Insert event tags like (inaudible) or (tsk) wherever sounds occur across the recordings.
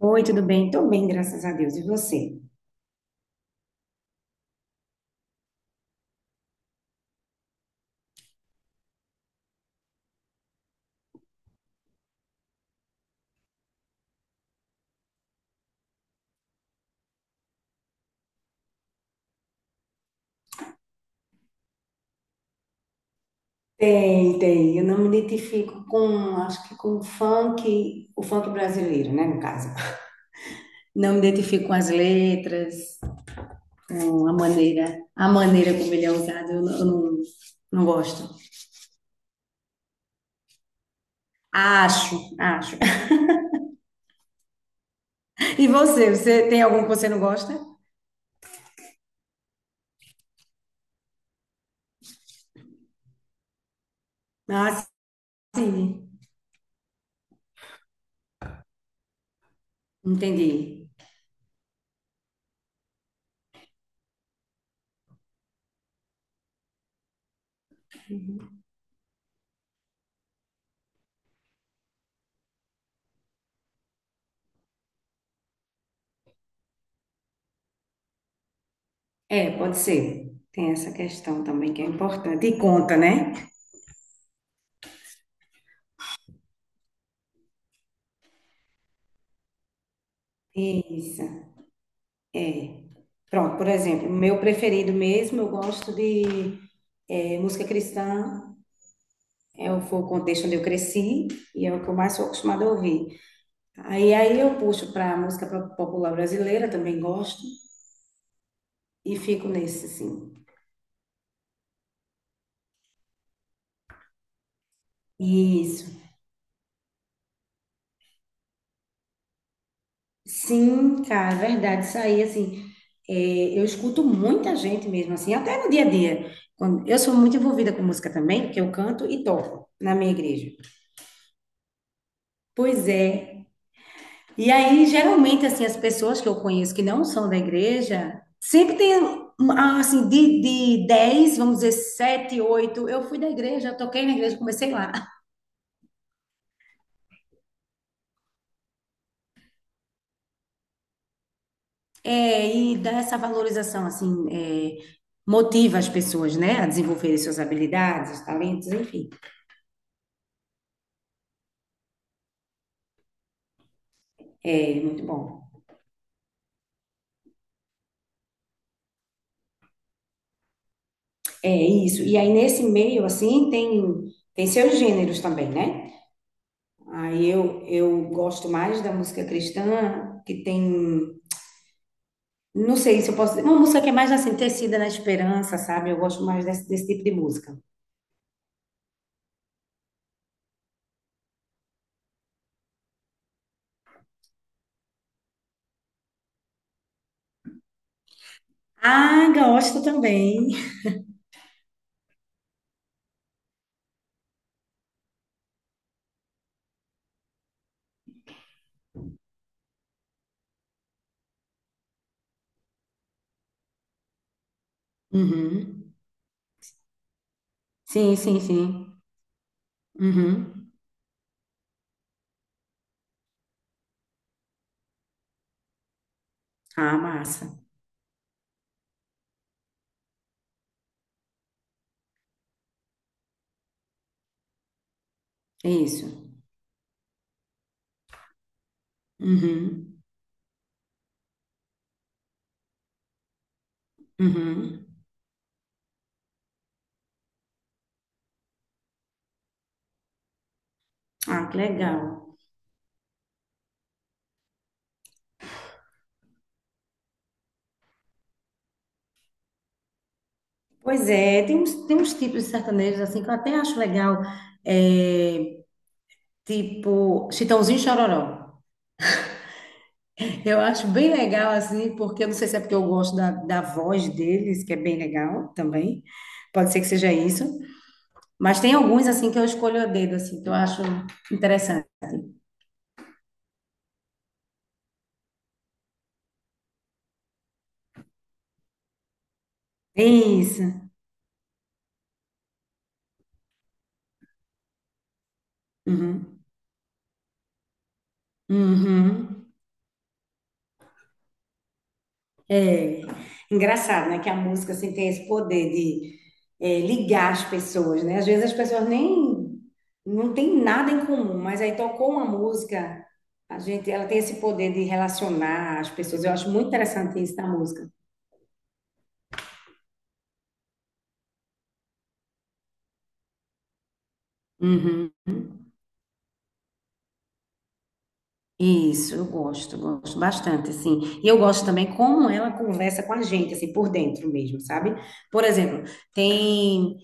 Oi, tudo bem? Tô bem, graças a Deus. E você? Tem, tem. Eu não me identifico com, acho que com o funk brasileiro, né, no caso. Não me identifico com as letras, com a maneira como ele é usado, eu não, não gosto. Acho, acho. (laughs) E você, você tem algum que você não gosta? Ah, sim. Entendi. É, pode ser. Tem essa questão também que é importante. E conta, né? Isso. Pronto, por exemplo, meu preferido mesmo, eu gosto de música cristã, foi o contexto onde eu cresci e é o que eu mais sou acostumada a ouvir. Aí eu puxo para música popular brasileira, também gosto, e fico nesse, assim. Isso. Sim, cara, é verdade, isso aí, assim, eu escuto muita gente mesmo, assim, até no dia a dia. Quando, eu sou muito envolvida com música também, porque eu canto e toco na minha igreja. Pois é. E aí, geralmente, assim, as pessoas que eu conheço que não são da igreja, sempre tem, um, ah, assim, de 10 vamos dizer, 7 8 eu fui da igreja, eu toquei na igreja, comecei lá. É, e dá essa valorização, assim, é, motiva as pessoas, né, a desenvolverem suas habilidades, talentos, enfim. É muito bom. É isso. E aí, nesse meio, assim, tem, tem seus gêneros também, né? Aí eu gosto mais da música cristã, que tem. Não sei se eu posso dizer. Uma música que é mais assim, tecida na esperança, sabe? Eu gosto mais desse, desse tipo de música. Ah, gosto também. Uhum. Sim, sim, sim. Uhum. Ah, massa. Isso. Uhum. Uhum. Ah, que legal. Pois é, tem uns tipos de sertanejos assim que eu até acho legal. É, tipo, Chitãozinho e Chororó. Eu acho bem legal, assim, porque eu não sei se é porque eu gosto da, da voz deles, que é bem legal também. Pode ser que seja isso. Mas tem alguns assim que eu escolho a dedo, assim, que eu acho interessante. É isso. Uhum. Uhum. É engraçado, né? Que a música assim, tem esse poder de é, ligar as pessoas, né? Às vezes as pessoas nem não tem nada em comum, mas aí tocou uma música, a gente, ela tem esse poder de relacionar as pessoas. Eu acho muito interessante isso da música. Uhum. Isso, eu gosto, gosto bastante, assim. E eu gosto também como ela conversa com a gente, assim, por dentro mesmo, sabe? Por exemplo, tem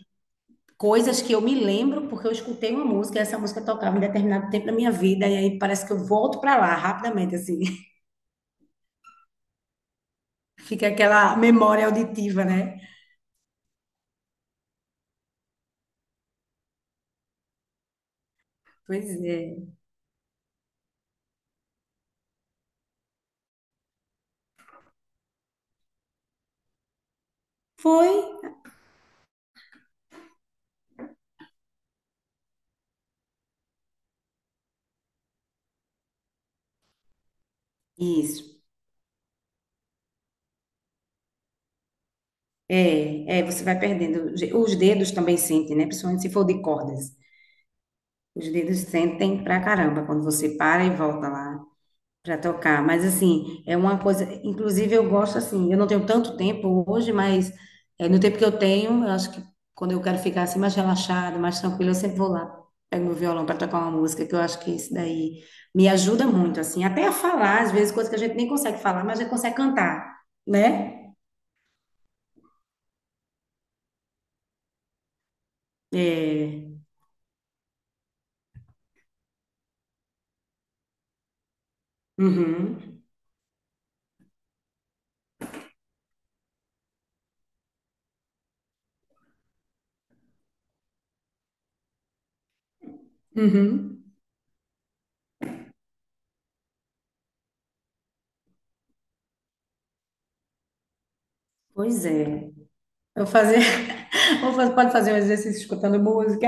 coisas que eu me lembro porque eu escutei uma música, e essa música tocava em determinado tempo da minha vida, e aí parece que eu volto pra lá rapidamente, assim. (laughs) Fica aquela memória auditiva, né? Pois é. Foi isso. É, é, você vai perdendo. Os dedos também sentem, né? Principalmente se for de cordas. Os dedos sentem pra caramba quando você para e volta lá para tocar, mas assim, é uma coisa, inclusive eu gosto assim, eu não tenho tanto tempo hoje, mas é, no tempo que eu tenho, eu acho que quando eu quero ficar assim mais relaxada, mais tranquila, eu sempre vou lá, pego meu violão para tocar uma música, que eu acho que isso daí me ajuda muito, assim, até a falar, às vezes coisas que a gente nem consegue falar, mas a gente consegue cantar, né? É, uhum, uhum, pois é, eu vou fazer, (laughs) pode fazer um exercício escutando música.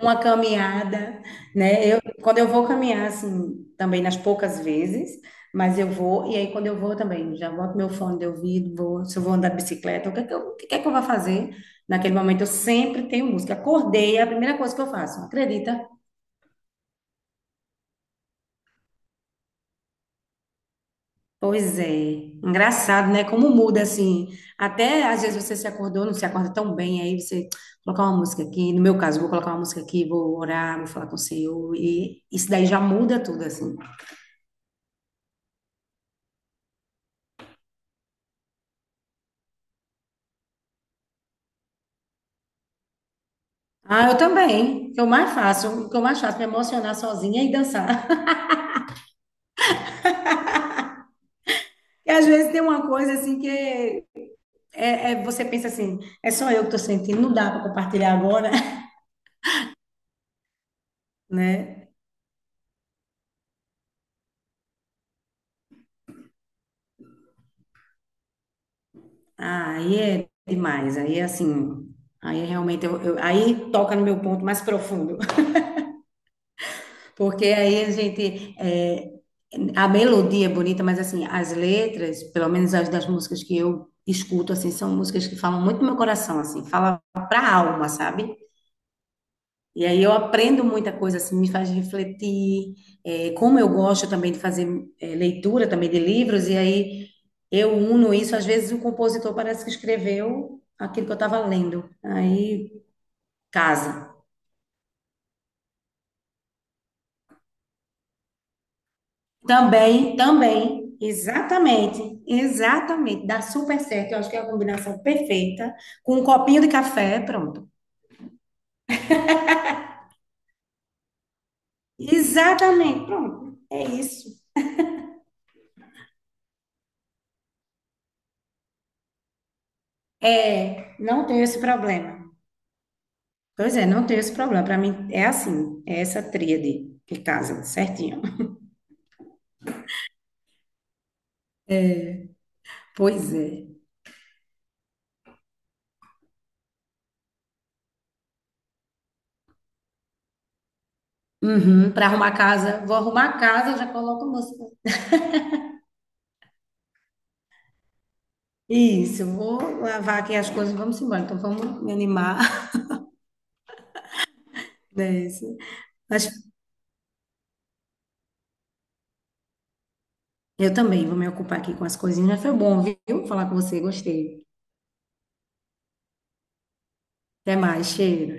Uma caminhada, né? Eu, quando eu vou caminhar, assim, também nas poucas vezes, mas eu vou, e aí quando eu vou também, já boto meu fone de ouvido, vou, se eu vou andar de bicicleta, o que é que eu vou fazer? Naquele momento eu sempre tenho música. Acordei, é a primeira coisa que eu faço, acredita? Pois é, engraçado, né? Como muda assim. Até às vezes você se acordou, não se acorda tão bem, aí você (tsk) "Vou colocar uma música aqui. No meu caso, vou colocar uma música aqui, vou orar, vou falar com o Senhor, e isso daí já muda tudo, assim. Ah, eu também. O que eu mais faço, me emocionar sozinha e dançar. (laughs) E às vezes tem uma coisa assim que é, é- você pensa assim, é só eu que tô sentindo, não dá para compartilhar agora, (laughs) né? Ah, aí é demais, aí é assim, aí é realmente eu- aí toca no meu ponto mais profundo, (laughs) porque aí a gente é, a melodia é bonita, mas assim, as letras, pelo menos as das músicas que eu escuto assim, são músicas que falam muito do meu coração assim, fala pra alma, sabe? E aí eu aprendo muita coisa, assim, me faz refletir. É, como eu gosto também de fazer é, leitura também de livros, e aí eu uno isso. Às vezes o compositor parece que escreveu aquilo que eu estava lendo. Aí casa. Também, também, exatamente, exatamente. Dá super certo. Eu acho que é a combinação perfeita. Com um copinho de café, pronto. Exatamente, pronto. É isso. É, não tenho esse problema. Pois é, não tem esse problema. Para mim é assim, é essa tríade que casa certinho. Pois é. Uhum, para arrumar a casa, vou arrumar a casa, já coloco música. Isso, vou lavar aqui as coisas, vamos embora. Então vamos me animar (laughs) dessa. Mas eu também vou me ocupar aqui com as coisinhas. Mas foi bom, viu? Falar com você, gostei. Até mais, cheiro.